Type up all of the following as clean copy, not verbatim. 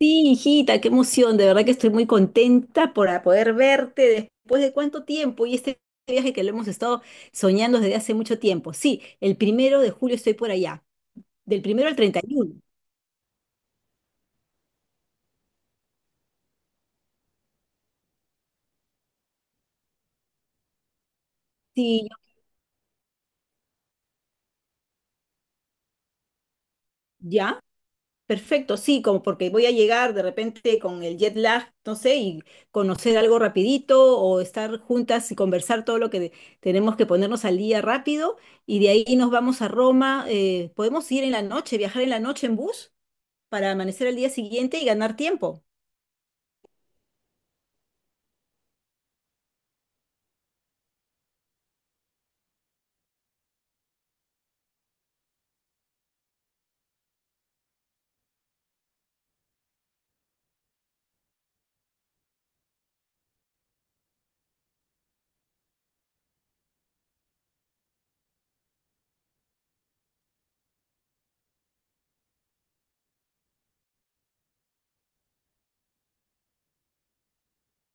Sí, hijita, qué emoción. De verdad que estoy muy contenta por poder verte después de cuánto tiempo y este viaje que lo hemos estado soñando desde hace mucho tiempo. Sí, el 1 de julio estoy por allá, del 1 al 31. Sí, ya, perfecto, sí, como porque voy a llegar de repente con el jet lag, no sé, y conocer algo rapidito o estar juntas y conversar todo lo que, tenemos que ponernos al día rápido. Y de ahí nos vamos a Roma. ¿Podemos ir en la noche, viajar en la noche en bus? Para amanecer al día siguiente y ganar tiempo.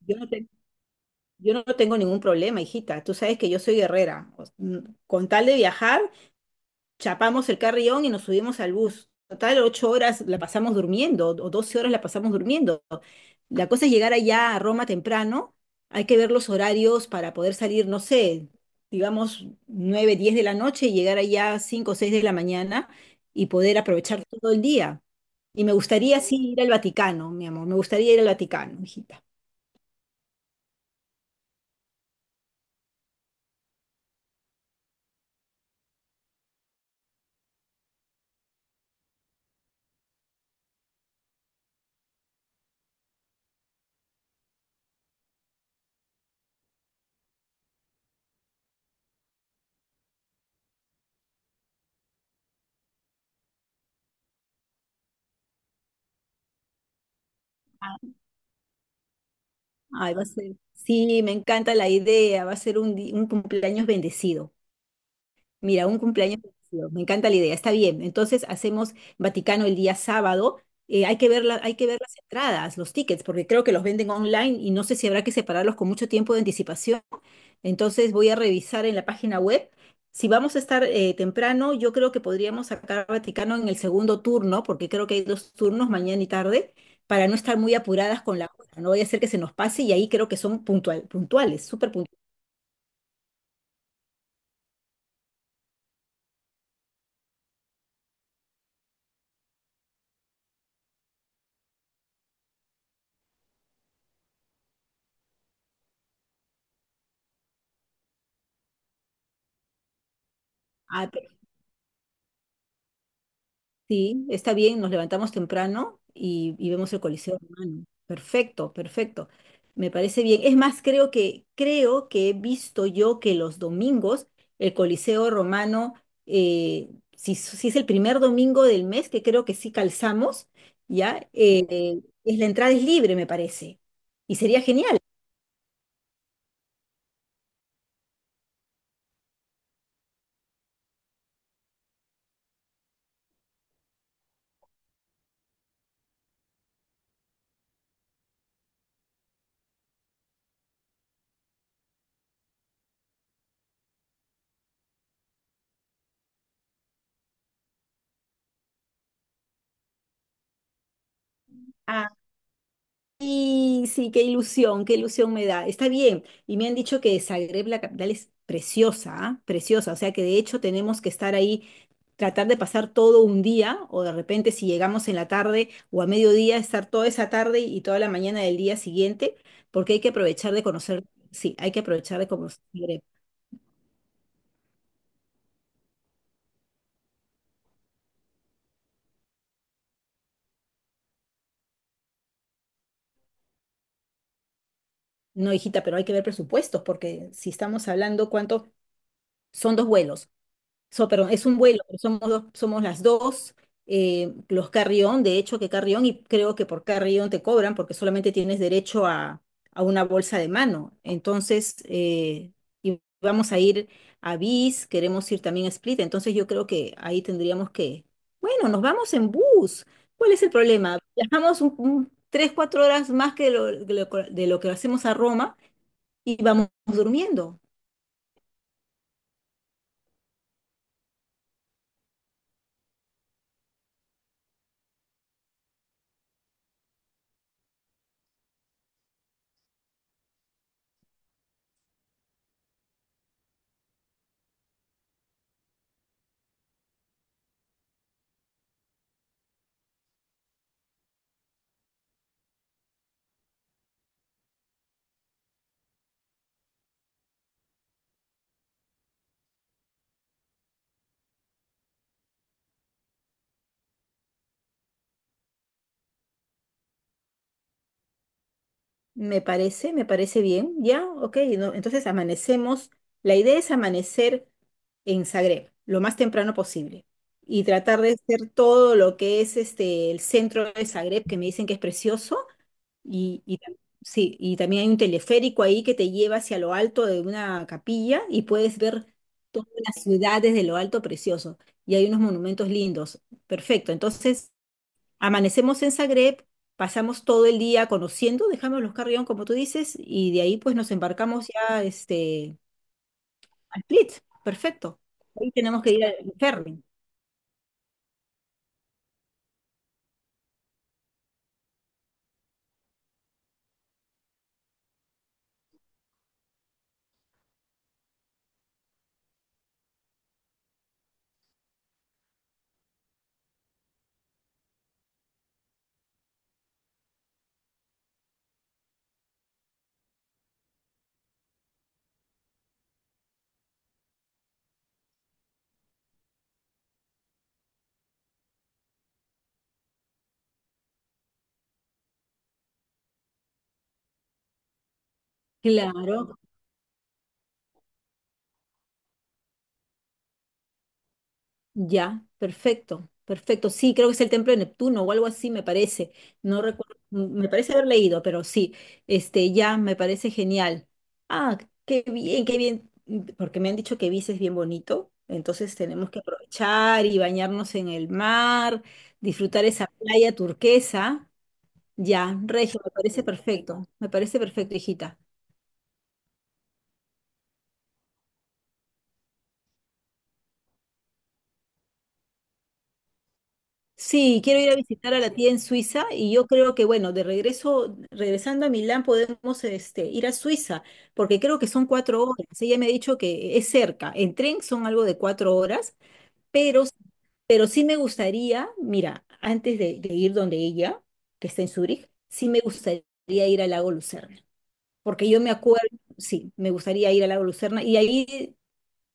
Yo no, te- yo no tengo ningún problema, hijita. Tú sabes que yo soy guerrera. Con tal de viajar, chapamos el carrión y nos subimos al bus. Total, 8 horas la pasamos durmiendo o 12 horas la pasamos durmiendo. La cosa es llegar allá a Roma temprano. Hay que ver los horarios para poder salir, no sé, digamos 9, 10 de la noche y llegar allá 5 o 6 de la mañana y poder aprovechar todo el día. Y me gustaría sí ir al Vaticano, mi amor, me gustaría ir al Vaticano, hijita. Ay, va a ser. Sí, me encanta la idea, va a ser un cumpleaños bendecido. Mira, un cumpleaños divertido. Me encanta la idea. Está bien. Entonces hacemos Vaticano el día sábado. Hay que ver las entradas, los tickets, porque creo que los venden online y no sé si habrá que separarlos con mucho tiempo de anticipación. Entonces voy a revisar en la página web. Si vamos a estar temprano, yo creo que podríamos sacar Vaticano en el segundo turno, porque creo que hay dos turnos, mañana y tarde, para no estar muy apuradas con la hora. No voy a hacer que se nos pase y ahí creo que son puntuales, súper puntuales. Sí, está bien, nos levantamos temprano y vemos el Coliseo Romano. Perfecto, perfecto. Me parece bien. Es más, creo que he visto yo que los domingos el Coliseo Romano, eh, si es el primer domingo del mes, que creo que sí calzamos, ya, es la entrada es libre, me parece. Y sería genial. Y sí, qué ilusión me da. Está bien. Y me han dicho que Zagreb, la capital, es preciosa, ¿ah? Preciosa. O sea que de hecho tenemos que estar ahí, tratar de pasar todo un día, o de repente si llegamos en la tarde o a mediodía, estar toda esa tarde y toda la mañana del día siguiente, porque hay que aprovechar de conocer, sí, hay que aprovechar de conocer Zagreb. No, hijita, pero hay que ver presupuestos, porque si estamos hablando cuánto son dos vuelos. So, perdón, es un vuelo, pero somos dos, somos las dos, los Carrión, de hecho que Carrión, y creo que por Carrión te cobran porque solamente tienes derecho a una bolsa de mano. Entonces, y vamos a ir a Bis, queremos ir también a Split, entonces yo creo que ahí tendríamos que, bueno, nos vamos en bus. ¿Cuál es el problema? Viajamos 3, 4 horas más que lo, de lo de lo que hacemos a Roma y vamos durmiendo. Me parece bien, ya, ok, no, entonces amanecemos, la idea es amanecer en Zagreb lo más temprano posible y tratar de hacer todo lo que es este, el centro de Zagreb, que me dicen que es precioso, y, y tam- sí, y también hay un teleférico ahí que te lleva hacia lo alto de una capilla y puedes ver toda la ciudad desde lo alto, precioso, y hay unos monumentos lindos. Perfecto. Entonces amanecemos en Zagreb, pasamos todo el día conociendo, dejamos los carry como tú dices, y de ahí pues nos embarcamos ya este, a Split. Perfecto. Ahí tenemos que ir al ferry. Claro. Ya, perfecto, perfecto. Sí, creo que es el templo de Neptuno o algo así, me parece. No recuerdo, me parece haber leído, pero sí, este, ya me parece genial. Ah, qué bien, porque me han dicho que Ibiza es bien bonito, entonces tenemos que aprovechar y bañarnos en el mar, disfrutar esa playa turquesa. Ya, Regio, me parece perfecto, hijita. Sí, quiero ir a visitar a la tía en Suiza y yo creo que, bueno, de regreso, regresando a Milán podemos este, ir a Suiza, porque creo que son 4 horas. Ella me ha dicho que es cerca. En tren son algo de 4 horas, pero, pero sí me gustaría, mira, antes de ir donde ella, que está en Zúrich, sí me gustaría ir al lago Lucerna, porque yo me acuerdo, sí, me gustaría ir al lago Lucerna y ahí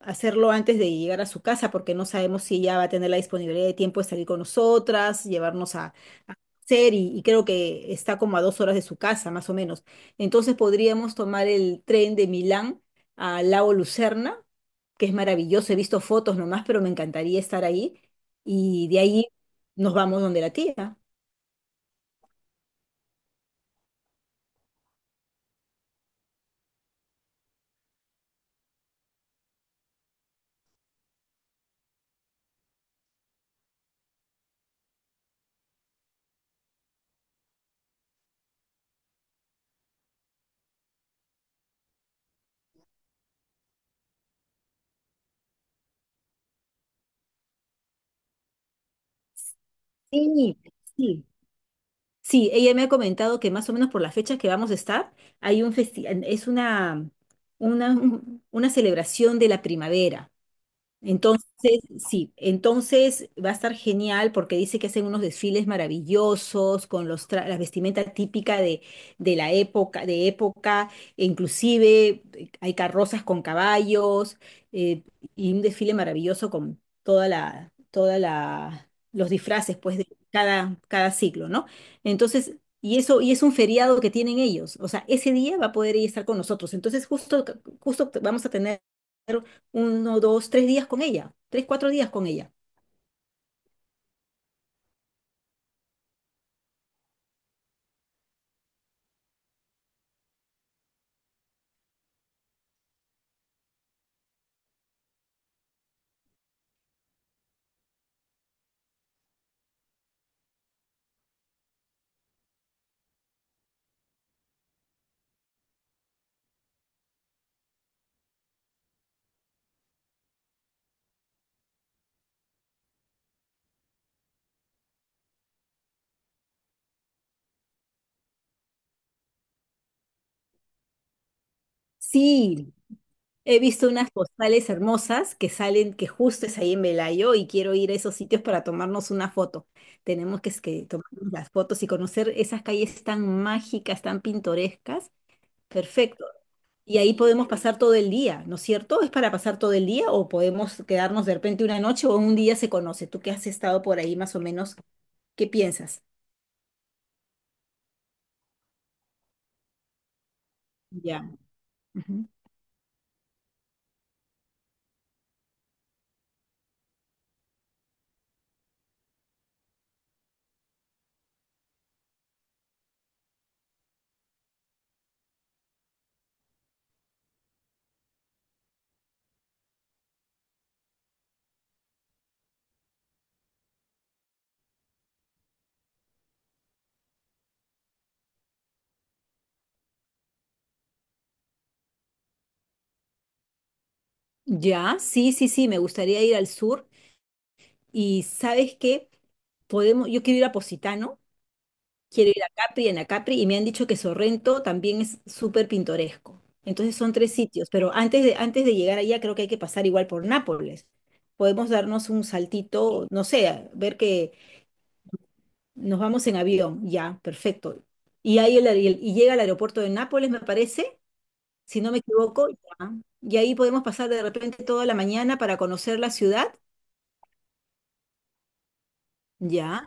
hacerlo antes de llegar a su casa, porque no sabemos si ella va a tener la disponibilidad de tiempo de salir con nosotras, llevarnos a hacer, y creo que está como a 2 horas de su casa, más o menos. Entonces podríamos tomar el tren de Milán a Lago Lucerna, que es maravilloso, he visto fotos nomás, pero me encantaría estar ahí, y de ahí nos vamos donde la tía. Sí, sí. Sí, ella me ha comentado que más o menos por las fechas que vamos a estar, es una celebración de la primavera. Entonces, sí, entonces va a estar genial porque dice que hacen unos desfiles maravillosos con la vestimenta típica de la época, de época, e inclusive hay carrozas con caballos eh, y un desfile maravilloso con los disfraces pues de cada siglo, ¿no? Entonces, y es un feriado que tienen ellos, o sea, ese día va a poder ella estar con nosotros. Entonces, justo vamos a tener 1, 2, 3 días con ella, 3, 4 días con ella. Sí, he visto unas postales hermosas que salen, que justo es ahí en Velayo y quiero ir a esos sitios para tomarnos una foto. Es que tomarnos las fotos y conocer esas calles tan mágicas, tan pintorescas. Perfecto. Y ahí podemos pasar todo el día, ¿no es cierto? ¿Es para pasar todo el día o podemos quedarnos de repente una noche o un día se conoce? Tú que has estado por ahí más o menos, ¿qué piensas? Ya. Ujú. Ya, sí, sí, sí, me gustaría ir al sur. Y ¿sabes qué? Yo quiero ir a Positano, quiero ir a Capri, en Capri, y me han dicho que Sorrento también es súper pintoresco. Entonces son tres sitios, pero antes de llegar allá creo que hay que pasar igual por Nápoles. Podemos darnos un saltito, no sé, a ver que nos vamos en avión, ya, perfecto. Y ahí y llega al aeropuerto de Nápoles, me parece, si no me equivoco, ya. Y ahí podemos pasar de repente toda la mañana para conocer la ciudad, ya.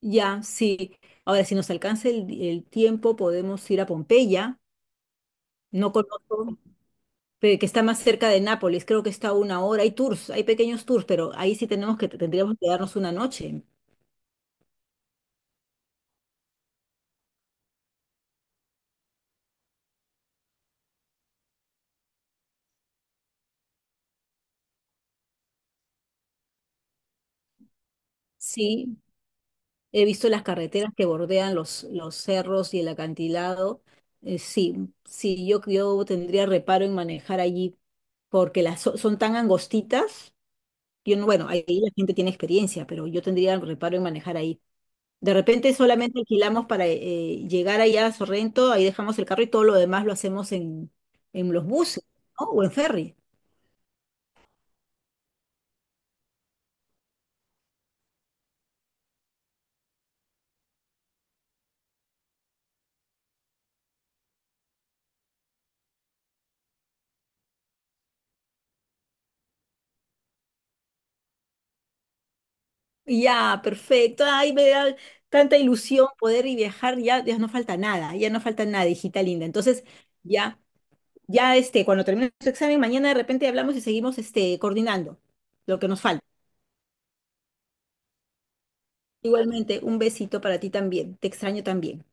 Ya, sí. Ahora, si nos alcanza el tiempo, podemos ir a Pompeya. No conozco, que está más cerca de Nápoles. Creo que está a 1 hora. Hay tours, hay pequeños tours, pero ahí sí tendríamos que darnos una noche. Sí, he visto las carreteras que bordean los cerros y el acantilado. Sí, sí, yo tendría reparo en manejar allí porque las son tan angostitas. Yo no, bueno, ahí la gente tiene experiencia, pero yo tendría reparo en manejar ahí. De repente solamente alquilamos para llegar allá a Sorrento, ahí dejamos el carro y todo lo demás lo hacemos en los buses, ¿no? O en ferry. Ya, perfecto. Ay, me da tanta ilusión poder y viajar. Ya, ya no falta nada, ya no falta nada, hijita linda. Entonces, ya, ya este, cuando termine su examen, mañana de repente hablamos y seguimos este, coordinando lo que nos falta. Igualmente, un besito para ti también. Te extraño también.